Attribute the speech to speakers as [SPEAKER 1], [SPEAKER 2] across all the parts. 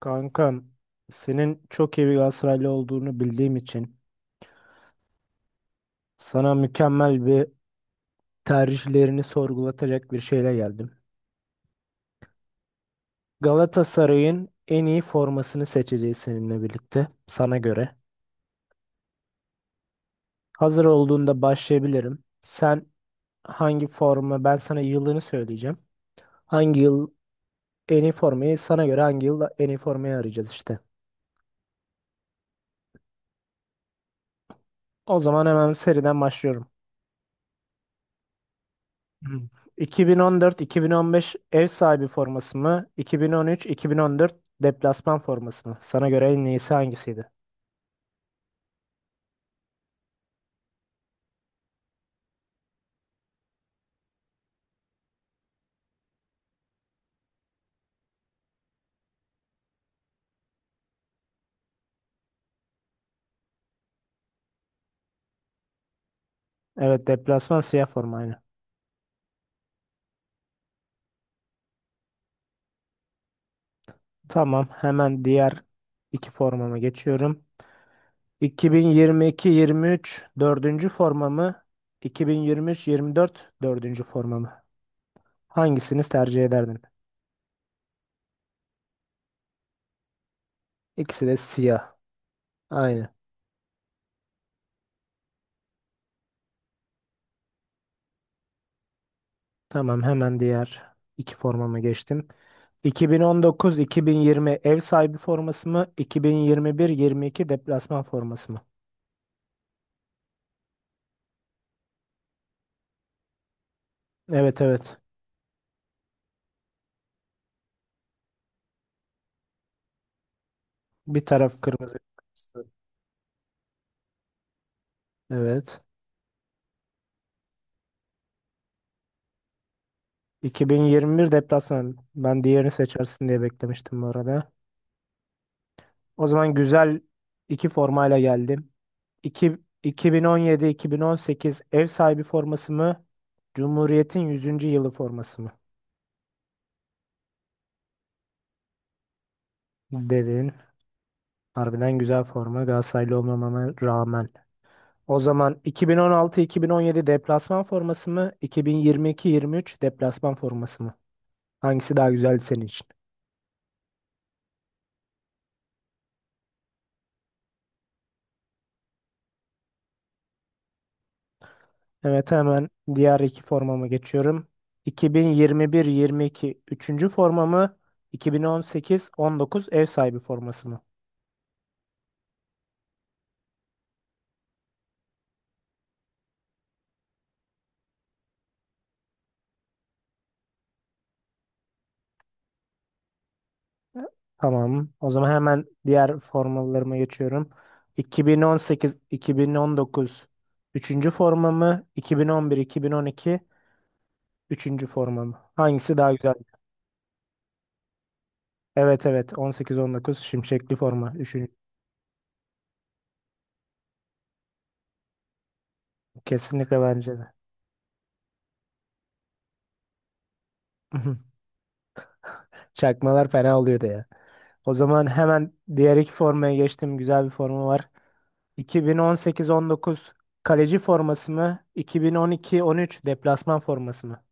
[SPEAKER 1] Kankam, senin çok iyi bir Galatasaraylı olduğunu bildiğim için sana mükemmel bir tercihlerini sorgulatacak bir şeyle geldim. Galatasaray'ın en iyi formasını seçeceğiz seninle birlikte sana göre. Hazır olduğunda başlayabilirim. Sen hangi forma ben sana yılını söyleyeceğim. Hangi yıl hangi yıl en iyi formayı arayacağız işte. O zaman hemen seriden başlıyorum. Hmm. 2014-2015 ev sahibi forması mı? 2013-2014 deplasman forması mı? Sana göre en iyisi hangisiydi? Evet, deplasman siyah forma aynı. Tamam, hemen diğer iki formama geçiyorum. 2022-23 dördüncü forma mı? 2023-24 dördüncü forma mı? Hangisini tercih ederdin? İkisi de siyah. Aynı. Tamam, hemen diğer iki formama geçtim. 2019-2020 ev sahibi forması mı? 2021-22 deplasman forması mı? Evet, evet. Bir taraf kırmızı. Evet. 2021 deplasman. Ben diğerini seçersin diye beklemiştim bu arada. O zaman güzel iki formayla geldim. İki- 2017-2018 ev sahibi forması mı? Cumhuriyet'in yüzüncü yılı forması mı? Dedin. Harbiden güzel forma Galatasaraylı olmamama rağmen. O zaman 2016-2017 deplasman forması mı? 2022-23 deplasman forması mı? Hangisi daha güzeldi senin için? Evet, hemen diğer iki formama geçiyorum. 2021-22 üçüncü forma mı? 2018-19 ev sahibi forması mı? Tamam. O zaman hemen diğer formalarıma geçiyorum. 2018-2019 üçüncü forma mı? 2011-2012 üçüncü forma mı? Hangisi daha güzel? Evet, evet, 18-19 şimşekli forma. Üçüncü. Kesinlikle bence de. Çakmalar fena oluyordu ya. O zaman hemen diğer iki formaya geçtim. Güzel bir forma var. 2018-19 kaleci forması mı? 2012-13 deplasman forması mı?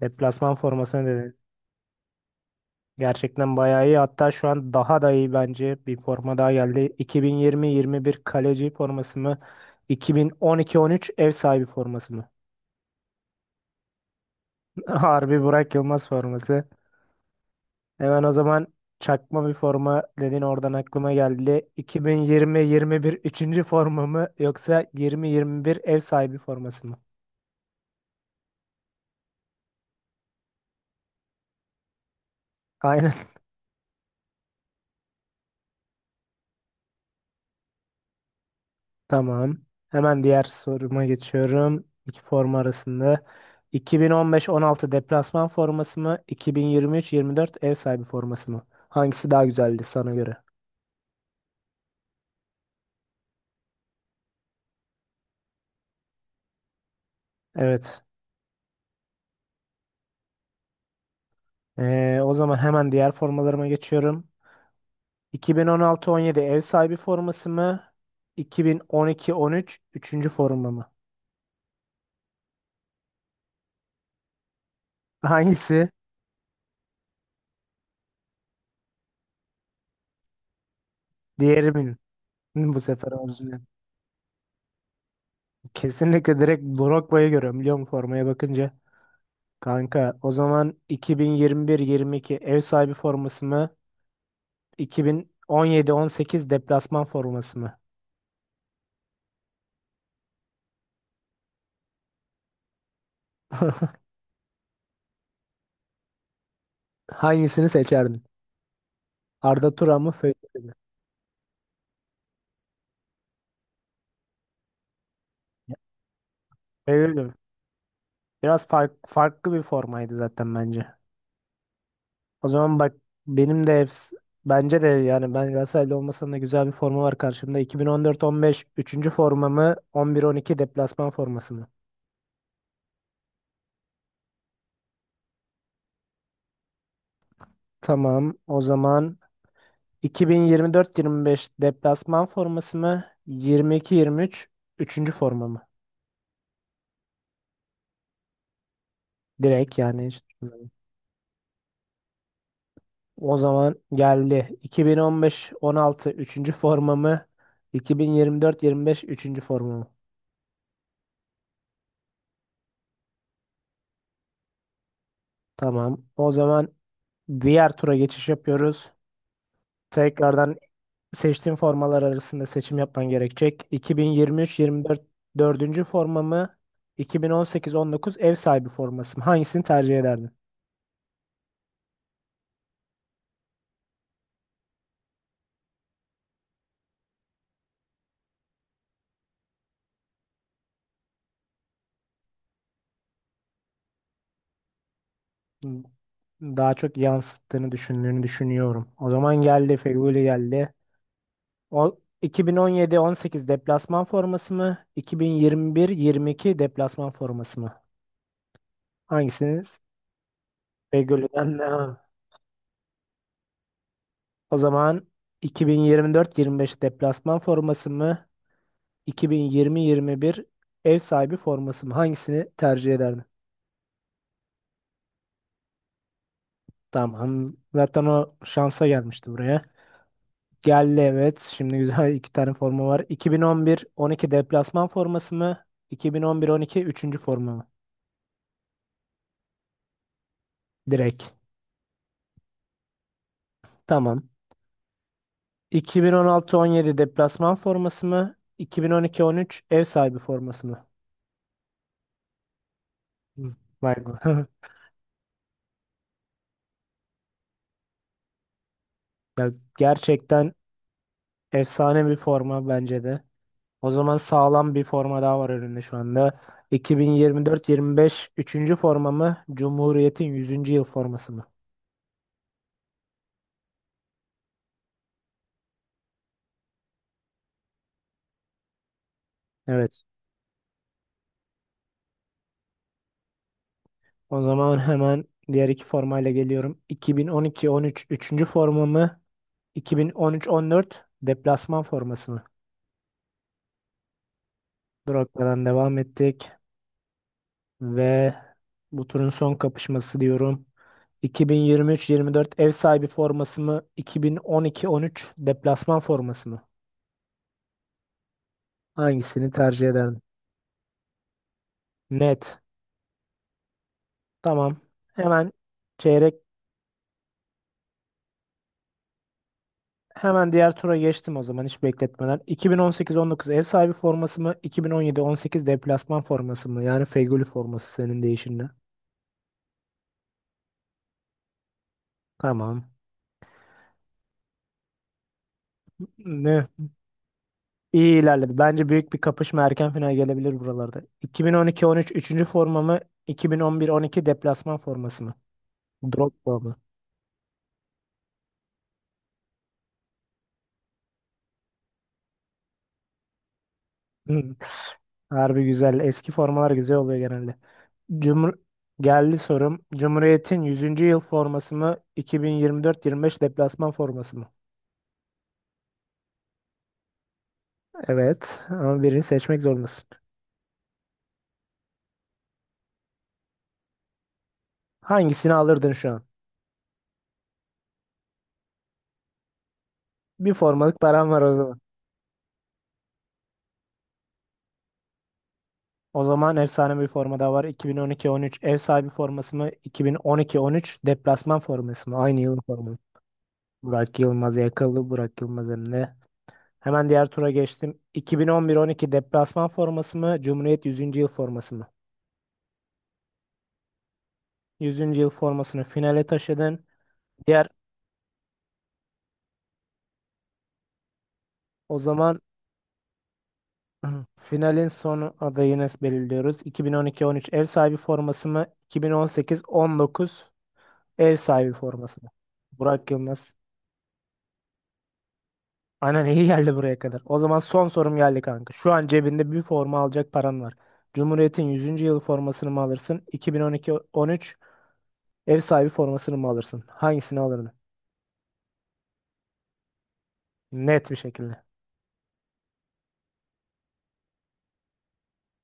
[SPEAKER 1] Deplasman formasını dedi. Gerçekten bayağı iyi. Hatta şu an daha da iyi bence. Bir forma daha geldi. 2020-21 kaleci forması mı? İki bin on iki on üç ev sahibi forması mı? Harbi Burak Yılmaz forması. Hemen o zaman çakma bir forma dedin oradan aklıma geldi. 2020-21 üçüncü forma mı yoksa 20-21 ev sahibi forması mı? Aynen. Tamam. Hemen diğer soruma geçiyorum. İki forma arasında. 2015-16 deplasman forması mı? 2023-24 ev sahibi forması mı? Hangisi daha güzeldi sana göre? Evet. O zaman hemen diğer formalarıma geçiyorum. 2016-17 ev sahibi forması mı? 2012-13 üçüncü forma mı? Hangisi? Diğeri mi? Hı, bu sefer orijinal. Kesinlikle direkt Drogba'yı görüyorum biliyor musun formaya bakınca. Kanka, o zaman 2021-22 ev sahibi forması mı? 2017-18 deplasman forması mı? Hangisini seçerdin? Arda Turan mı? Feghouli mi? Feghouli. Biraz farklı bir formaydı zaten bence. O zaman bak, benim de efs- bence de yani ben Galatasaraylı olmasam da güzel bir forma var karşımda. 2014-15 üçüncü formamı 11-12 deplasman forması mı? Tamam. O zaman 2024-25 deplasman forması mı? 22-23 üçüncü forma mı? Direkt yani, hiç düşünmedim. O zaman geldi. 2015-16 üçüncü forma mı? 2024-25 üçüncü forma mı? Tamam. O zaman diğer tura geçiş yapıyoruz. Tekrardan seçtiğim formalar arasında seçim yapman gerekecek. 2023-24 dördüncü formamı 2018-19 ev sahibi forması mı? Hangisini tercih ederdin? Hmm, Daha çok yansıttığını düşündüğünü düşünüyorum. O zaman geldi, Feghouli geldi. O 2017-18 deplasman forması mı? 2021-22 deplasman forması mı? Hangisiniz? Hangisini ne? O zaman 2024-25 deplasman forması mı? 2020-21 ev sahibi forması mı? Hangisini tercih ederdin? Tamam. Zaten o şansa gelmişti buraya. Geldi evet. Şimdi güzel iki tane forma var. 2011-12 deplasman forması mı? 2011-12 üçüncü forma mı? Direkt. Tamam. 2016-17 deplasman forması mı? 2012-13 ev sahibi forması mı? Hı. Vay be. Ya, gerçekten efsane bir forma bence de. O zaman sağlam bir forma daha var önünde şu anda. 2024-25 üçüncü forma mı? Cumhuriyet'in yüzüncü yıl forması mı? Evet. O zaman hemen diğer iki formayla geliyorum. 2012-13 üçüncü forma mı? 2013-14 deplasman forması mı? Drogba'dan devam ettik ve bu turun son kapışması diyorum. 2023-24 ev sahibi forması mı? 2012-13 deplasman forması mı? Hangisini tercih ederdin? Net. Tamam. Hemen çeyrek hemen diğer tura geçtim o zaman hiç bekletmeden. 2018-19 ev sahibi forması mı? 2017-18 deplasman forması mı? Yani Fegüli forması senin değişinle. Tamam. Ne? İyi ilerledi. Bence büyük bir kapışma, erken final gelebilir buralarda. 2012-13 üçüncü forma mı? 2011-12 deplasman forması mı? Drogba mı? Hı. Harbi güzel. Eski formalar güzel oluyor genelde. Cumhur geldi sorum. Cumhuriyet'in yüzüncü yıl forması mı? 2024-25 deplasman forması mı? Evet. Ama birini seçmek zorundasın. Hangisini alırdın şu an? Bir formalık paran var o zaman. O zaman efsane bir forma da var. 2012-13 ev sahibi forması mı? 2012-13 deplasman forması mı? Aynı yılın forması. Burak Yılmaz yakalı. Burak Yılmaz önünde. Hemen diğer tura geçtim. 2011-12 deplasman forması mı? Cumhuriyet yüzüncü yıl forması mı? Yüzüncü yıl formasını finale taşıdın. Diğer O zaman finalin son adayını belirliyoruz. 2012-13 ev sahibi forması mı? 2018-19 ev sahibi forması mı? Burak Yılmaz. Aynen, iyi geldi buraya kadar. O zaman son sorum geldi kanka. Şu an cebinde bir forma alacak paran var. Cumhuriyet'in yüzüncü yılı formasını mı alırsın? 2012-13 ev sahibi formasını mı alırsın? Hangisini alırdın? Net bir şekilde.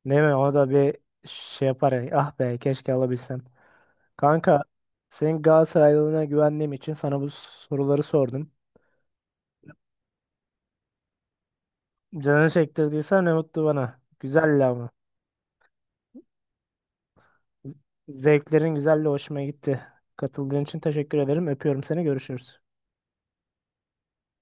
[SPEAKER 1] Değil mi? O da bir şey yapar ya. Ah be, keşke alabilsem. Kanka, senin Galatasaraylılığına güvendiğim için sana bu soruları sordum. Canını çektirdiysen ne mutlu bana. Güzeldi ama. Zevklerin güzeldi, hoşuma gitti. Katıldığın için teşekkür ederim. Öpüyorum seni. Görüşürüz.